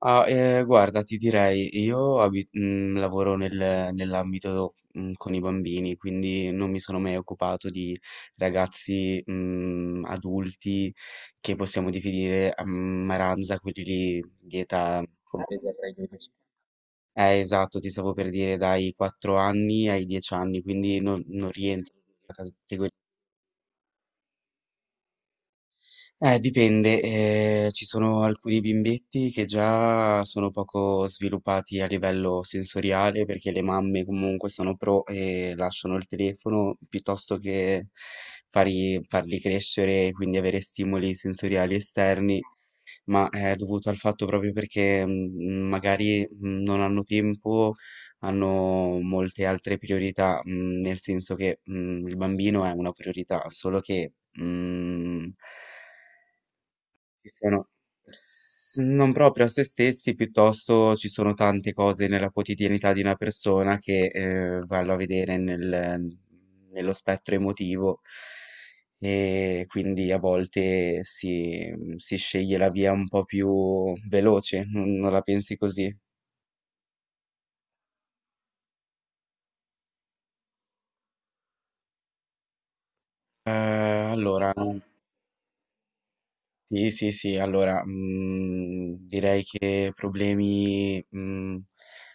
Ah, guarda, ti direi, io lavoro nell'ambito con i bambini, quindi non mi sono mai occupato di ragazzi adulti che possiamo definire a maranza, quelli lì di età compresa tra i 12. Esatto, ti stavo per dire dai 4 anni ai 10 anni, quindi non rientro nella categoria. Dipende, ci sono alcuni bimbetti che già sono poco sviluppati a livello sensoriale perché le mamme comunque sono pro e lasciano il telefono piuttosto che farli crescere e quindi avere stimoli sensoriali esterni, ma è dovuto al fatto proprio perché magari non hanno tempo, hanno molte altre priorità, nel senso che il bambino è una priorità, solo che, mm, ci sono, s non proprio a se stessi, piuttosto ci sono tante cose nella quotidianità di una persona che, vanno a vedere nello spettro emotivo e quindi a volte si sceglie la via un po' più veloce, non la pensi così? Ehm, allora, sì, sì, sì, allora, direi che problemi,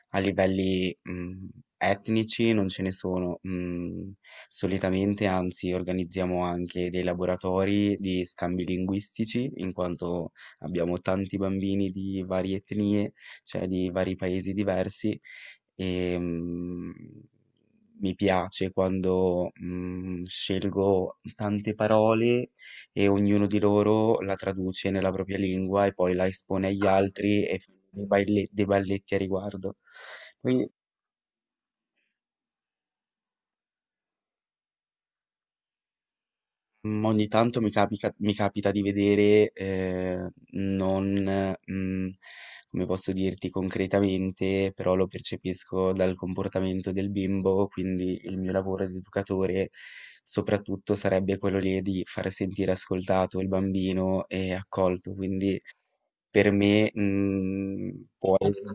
a livelli, etnici non ce ne sono. Mhmm, Solitamente, anzi, organizziamo anche dei laboratori di scambi linguistici, in quanto abbiamo tanti bambini di varie etnie, cioè di vari paesi diversi, e mi piace quando scelgo tante parole e ognuno di loro la traduce nella propria lingua e poi la espone agli altri e fa dei balletti a riguardo. Quindi. Ogni tanto mi capita di vedere, non, mm, come posso dirti concretamente, però lo percepisco dal comportamento del bimbo, quindi il mio lavoro di educatore soprattutto sarebbe quello lì di far sentire ascoltato il bambino e accolto, quindi per me, può essere.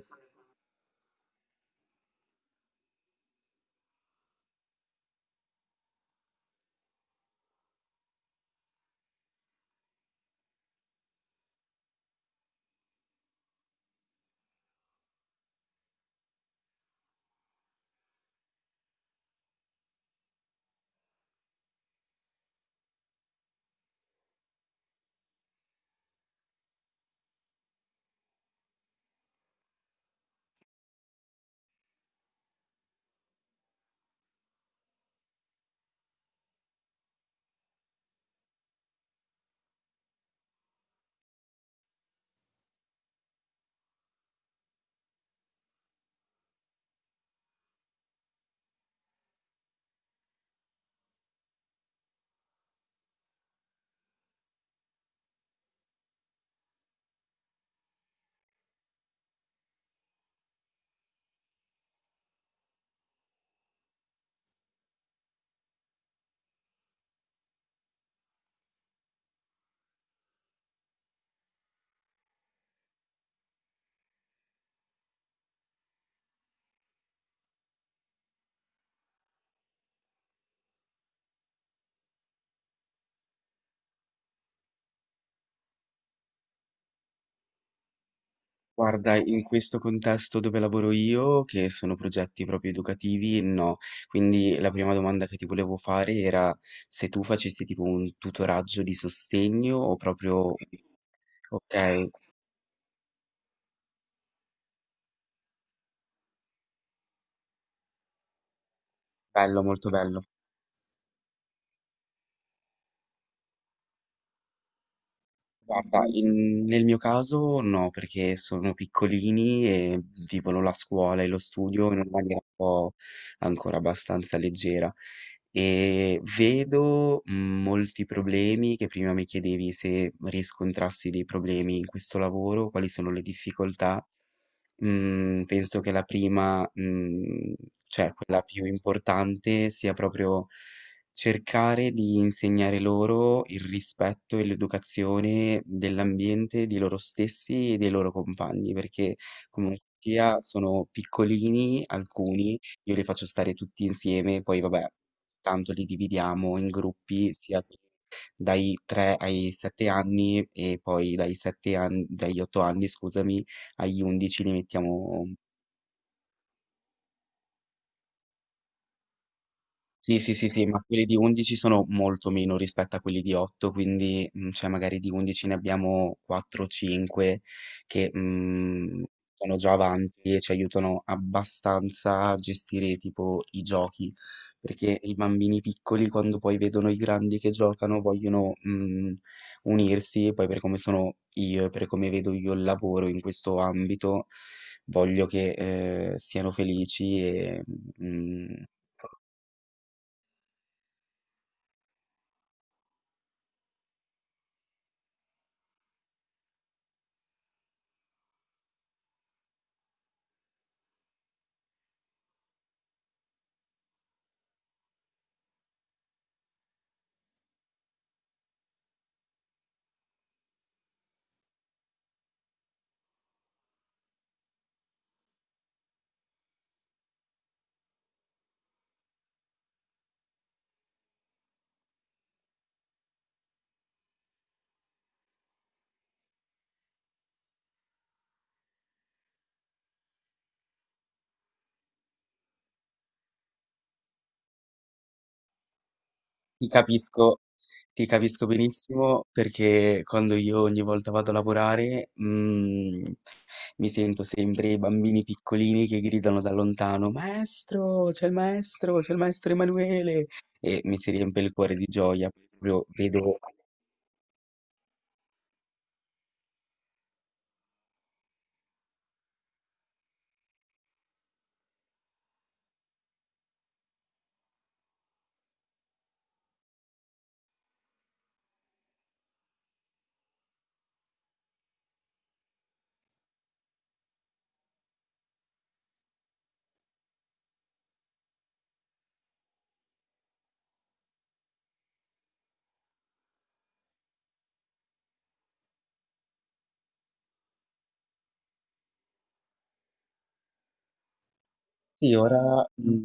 Guarda, in questo contesto dove lavoro io, che sono progetti proprio educativi, no. Quindi la prima domanda che ti volevo fare era se tu facessi tipo un tutoraggio di sostegno o proprio. Ok, bello, molto bello. Guarda, nel mio caso no, perché sono piccolini e vivono la scuola e lo studio in una maniera un po' ancora abbastanza leggera. Vedo, molti problemi che prima mi chiedevi se riscontrassi dei problemi in questo lavoro, quali sono le difficoltà. Penso che la prima, cioè quella più importante, sia proprio cercare di insegnare loro il rispetto e l'educazione dell'ambiente, di loro stessi e dei loro compagni, perché comunque sia sono piccolini alcuni, io li faccio stare tutti insieme, poi vabbè, tanto li dividiamo in gruppi, sia dai 3 ai 7 anni e poi dagli 8 anni, scusami, agli 11 li mettiamo. Sì, sì, sì, sì, ma quelli di 11 sono molto meno rispetto a quelli di 8, quindi cioè magari di 11 ne abbiamo 4-5 che sono già avanti e ci aiutano abbastanza a gestire tipo i giochi, perché i bambini piccoli quando poi vedono i grandi che giocano vogliono unirsi, e poi per come sono io e per come vedo io il lavoro in questo ambito, voglio che siano felici e... mm, Ti capisco, ti capisco benissimo perché quando io ogni volta vado a lavorare, mi sento sempre i bambini piccolini che gridano da lontano, Maestro, c'è il maestro, c'è il maestro Emanuele! E mi si riempie il cuore di gioia, proprio vedo. Sì.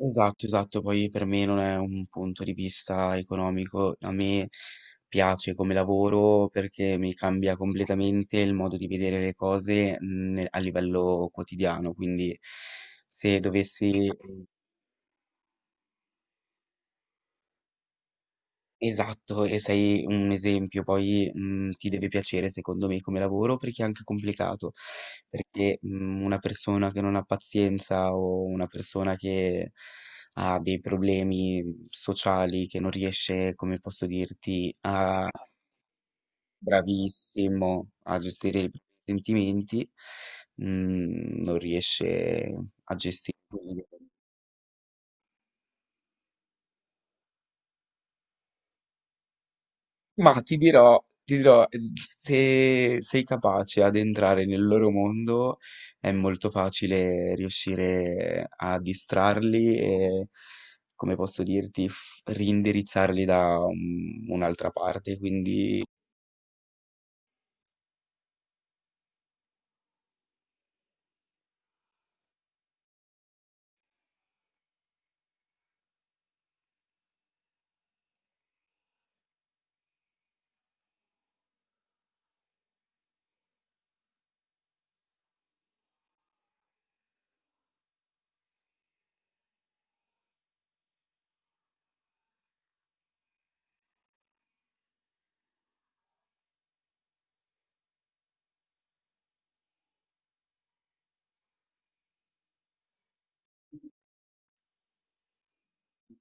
Esatto, esatto, poi per me non è un punto di vista economico, a me piace come lavoro perché mi cambia completamente il modo di vedere le cose a livello quotidiano, quindi se dovessi. Esatto, e sei un esempio, poi, ti deve piacere secondo me come lavoro perché è anche complicato, perché, una persona che non ha pazienza o una persona che ha dei problemi sociali, che non riesce, come posso dirti, a, bravissimo, a gestire i propri sentimenti, non riesce a gestire. Ma ti dirò, se sei capace ad entrare nel loro mondo è molto facile riuscire a distrarli e, come posso dirti, reindirizzarli da un'altra parte. Quindi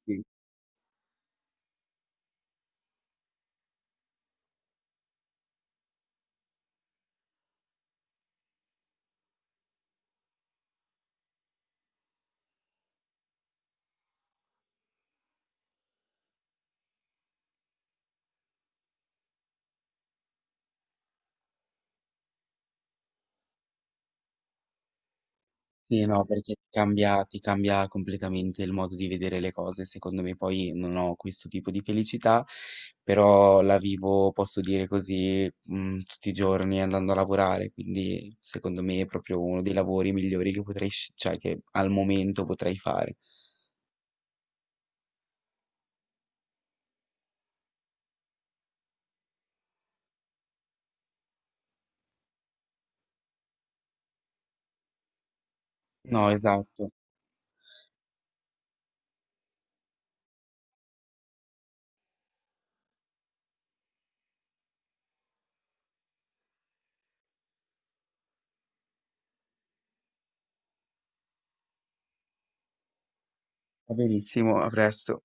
sì. Sì, no, perché ti cambia completamente il modo di vedere le cose. Secondo me poi non ho questo tipo di felicità, però la vivo, posso dire così, tutti i giorni andando a lavorare, quindi secondo me è proprio uno dei lavori migliori che potrei, cioè che al momento potrei fare. No, esatto. Va benissimo, a presto.